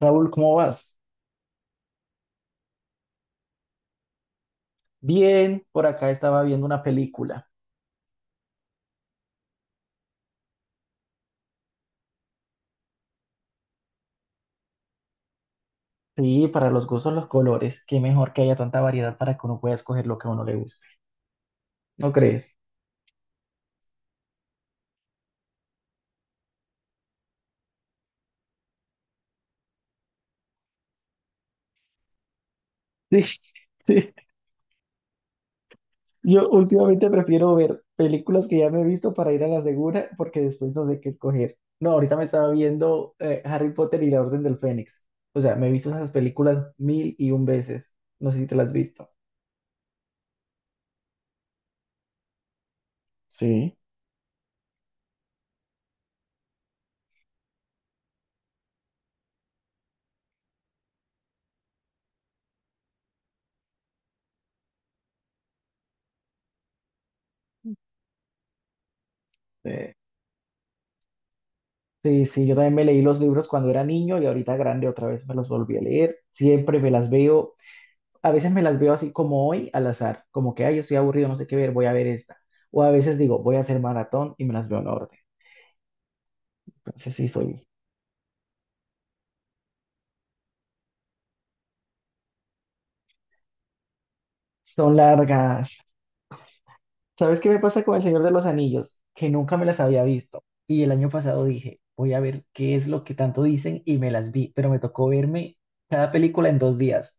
Raúl, ¿cómo vas? Bien, por acá estaba viendo una película. Sí, para los gustos, los colores. Qué mejor que haya tanta variedad para que uno pueda escoger lo que a uno le guste. ¿No crees? Sí, sí. Yo últimamente prefiero ver películas que ya me he visto para ir a la segura porque después no sé qué escoger. No, ahorita me estaba viendo Harry Potter y la Orden del Fénix. O sea, me he visto esas películas mil y un veces. No sé si te las has visto. Sí. Eh, Sí, sí, yo también me leí los libros cuando era niño y ahorita grande otra vez me los volví a leer. Siempre me las veo, a veces me las veo así como hoy al azar, como que, ay, yo estoy aburrido, no sé qué ver, voy a ver esta. O a veces digo, voy a hacer maratón y me las veo en orden. Entonces sí, son largas. ¿Sabes qué me pasa con El Señor de los Anillos? Que nunca me las había visto. Y el año pasado dije, voy a ver qué es lo que tanto dicen y me las vi, pero me tocó verme cada película en 2 días.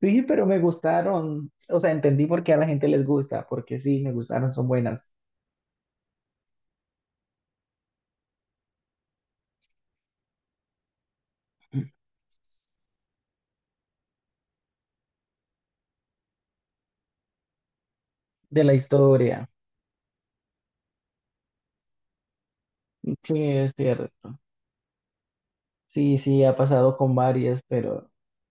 Sí, pero me gustaron, o sea, entendí por qué a la gente les gusta, porque sí, me gustaron, son buenas. De la historia. Sí, es cierto. Sí, sí, ha pasado con varias, pero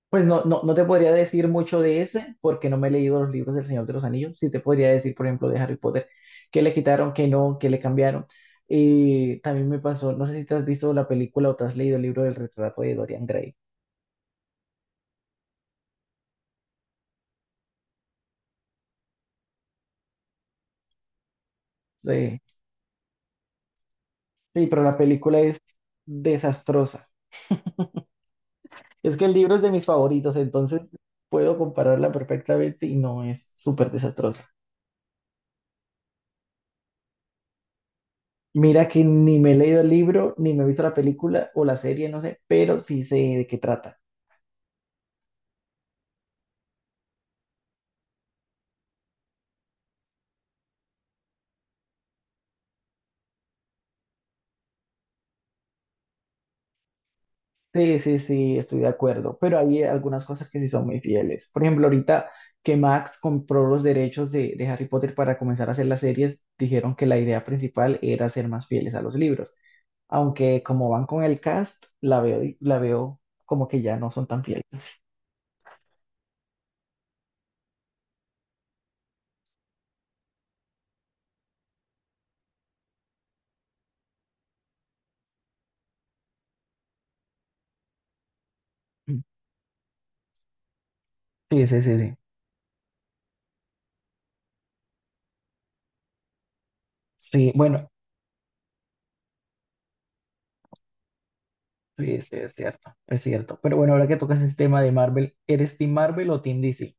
pues no, no, no te podría decir mucho de ese, porque no me he leído los libros del Señor de los Anillos. Sí te podría decir, por ejemplo, de Harry Potter, que le quitaron, que no, que le cambiaron. Y también me pasó, no sé si te has visto la película o te has leído el libro del retrato de Dorian Gray. Sí, sí, pero la película es desastrosa. Es que el libro es de mis favoritos, entonces puedo compararla perfectamente y no es súper desastrosa. Mira que ni me he leído el libro, ni me he visto la película o la serie, no sé, pero sí sé de qué trata. Sí, sí, sí, estoy de acuerdo, pero hay algunas cosas que sí son muy fieles. Por ejemplo, ahorita que Max compró los derechos de Harry Potter para comenzar a hacer las series, dijeron que la idea principal era ser más fieles a los libros. Aunque como van con el cast, la veo como que ya no son tan fieles. Mm. Sí, sí, sí, sí. Sí, bueno, sí, sí, es cierto, es cierto. Pero bueno, ahora que tocas el tema de Marvel, ¿eres Team Marvel o Team DC?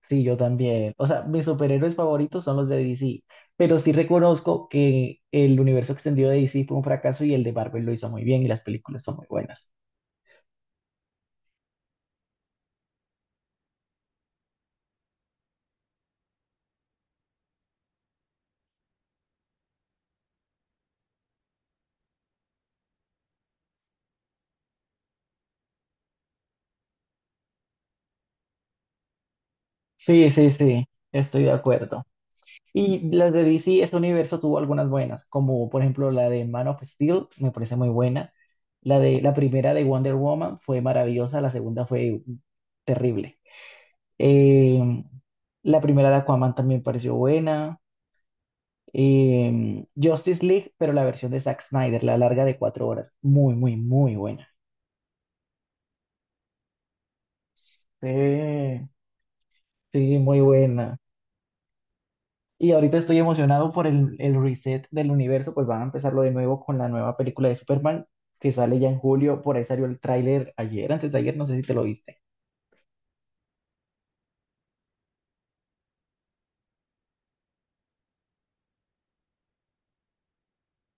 Sí, yo también. O sea, mis superhéroes favoritos son los de DC, pero sí reconozco que el universo extendido de DC fue un fracaso y el de Marvel lo hizo muy bien y las películas son muy buenas. Sí, sí, sí, estoy de acuerdo. Y las de DC, este universo tuvo algunas buenas, como por ejemplo la de Man of Steel, me parece muy buena. La de la primera de Wonder Woman fue maravillosa, la segunda fue terrible. Eh, la primera de Aquaman también pareció buena. Justice League, pero la versión de Zack Snyder, la larga de 4 horas, muy, muy, muy buena. Sí. Sí, muy buena. Y ahorita estoy emocionado por el reset del universo, pues van a empezarlo de nuevo con la nueva película de Superman que sale ya en julio. Por ahí salió el tráiler ayer, antes de ayer, no sé si te lo viste.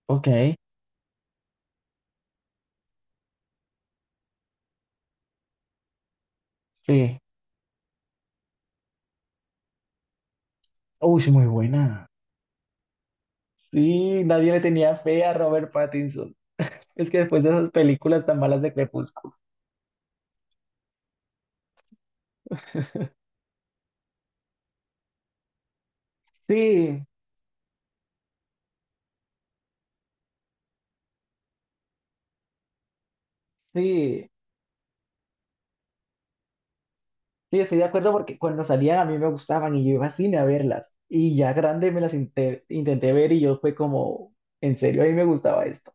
Ok, sí. Uy, sí, muy buena. Sí, nadie le tenía fe a Robert Pattinson. Es que después de esas películas tan malas de Crepúsculo. Sí, sí, sí, estoy de acuerdo porque cuando salían a mí me gustaban y yo iba al cine a verlas. Y ya grande me las intenté ver y yo fue como, en serio, a mí me gustaba esto.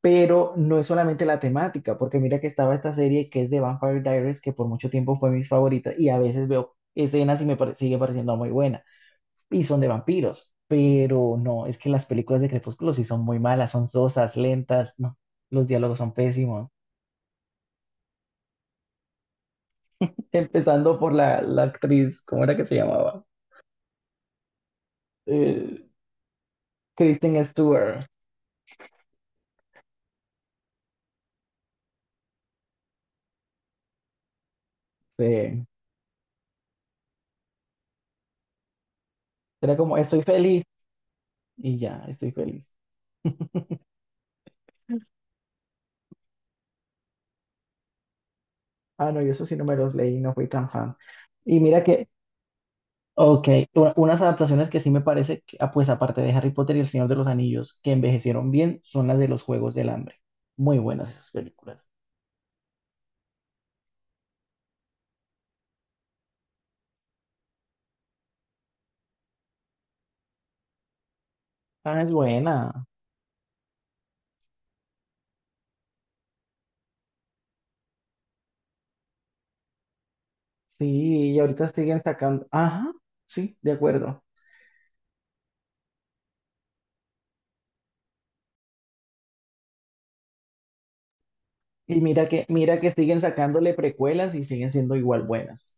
Pero no es solamente la temática, porque mira que estaba esta serie que es de Vampire Diaries, que por mucho tiempo fue mis favoritas, y a veces veo escenas y sigue pareciendo muy buena, y son de vampiros, pero no, es que las películas de Crepúsculo sí son muy malas, son sosas, lentas, no, los diálogos son pésimos, empezando por la actriz, ¿cómo era que se llamaba? Eh, Kristen Stewart, eh, era como, estoy feliz, y ya, estoy feliz. Ah, no, yo eso sí no me los leí, no fui tan fan. Y mira que ok, unas adaptaciones que sí me parece, que, ah, pues aparte de Harry Potter y El Señor de los Anillos, que envejecieron bien, son las de los Juegos del Hambre. Muy buenas esas películas. Ah, es buena. Sí, y ahorita siguen sacando. Ajá, sí, de acuerdo. Y mira que siguen sacándole precuelas y siguen siendo igual buenas.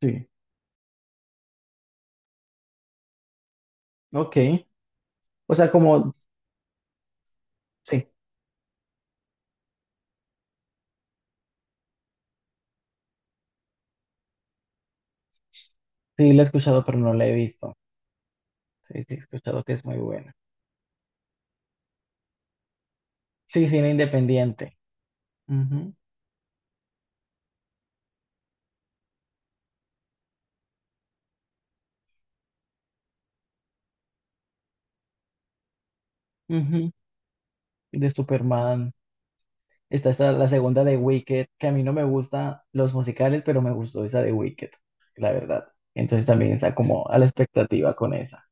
Sí, ok. O sea, como, sí, sí la he escuchado, pero no la he visto. Sí, sí, he escuchado que es muy buena. Sí, cine independiente. Ujú, ujú, de Superman. Está, esta la segunda de Wicked, que a mí no me gustan los musicales, pero me gustó esa de Wicked, la verdad. Entonces también está como a la expectativa con esa.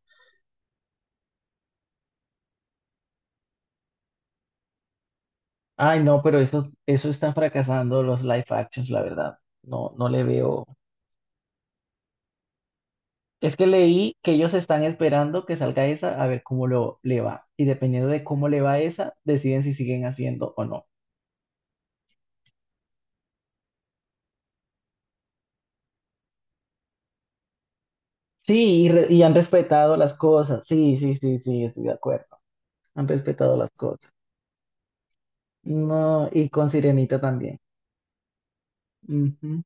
Ay, no, pero eso están fracasando los live actions, la verdad. No, no le veo. Es que leí que ellos están esperando que salga esa a ver cómo le va. Y dependiendo de cómo le va esa, deciden si siguen haciendo o no. Sí, y, re- y han respetado las cosas. Sí, sí, sí, sí, estoy de acuerdo. Han respetado las cosas. No, y con Sirenita también. Ujú,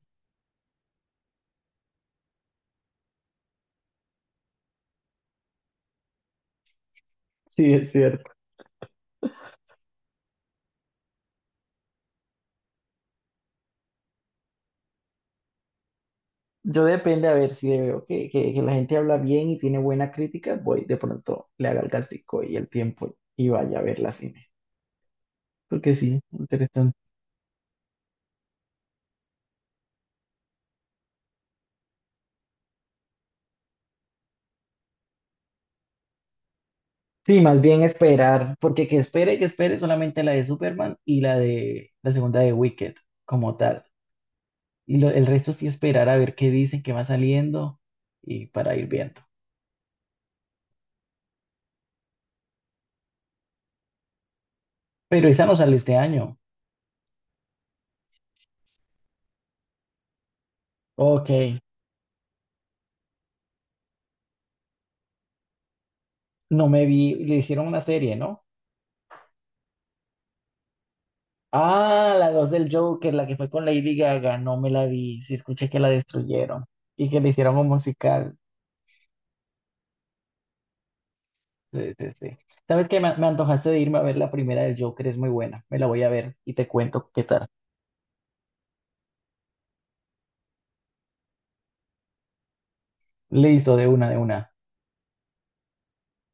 sí, es cierto. Yo depende, a ver, si veo que la gente habla bien y tiene buena crítica, voy de pronto, le haga el gastico y el tiempo y vaya a ver la cine. Porque sí, interesante. Sí, más bien esperar, porque que espere solamente la de Superman y la de la segunda de Wicked como tal. Y lo- el resto sí esperar a ver qué dicen, qué va saliendo y para ir viendo. Pero esa no sale este año. Ok, no me vi, le hicieron una serie, ¿no? Ah, la dos del Joker, la que fue con Lady Gaga, no me la vi. Sí, escuché que la destruyeron y que le hicieron un musical. Sí, sí, sí. ¿Sabes qué? Me antojaste de irme a ver la primera del Joker, es muy buena. Me la voy a ver y te cuento qué tal. Listo, de una, de una.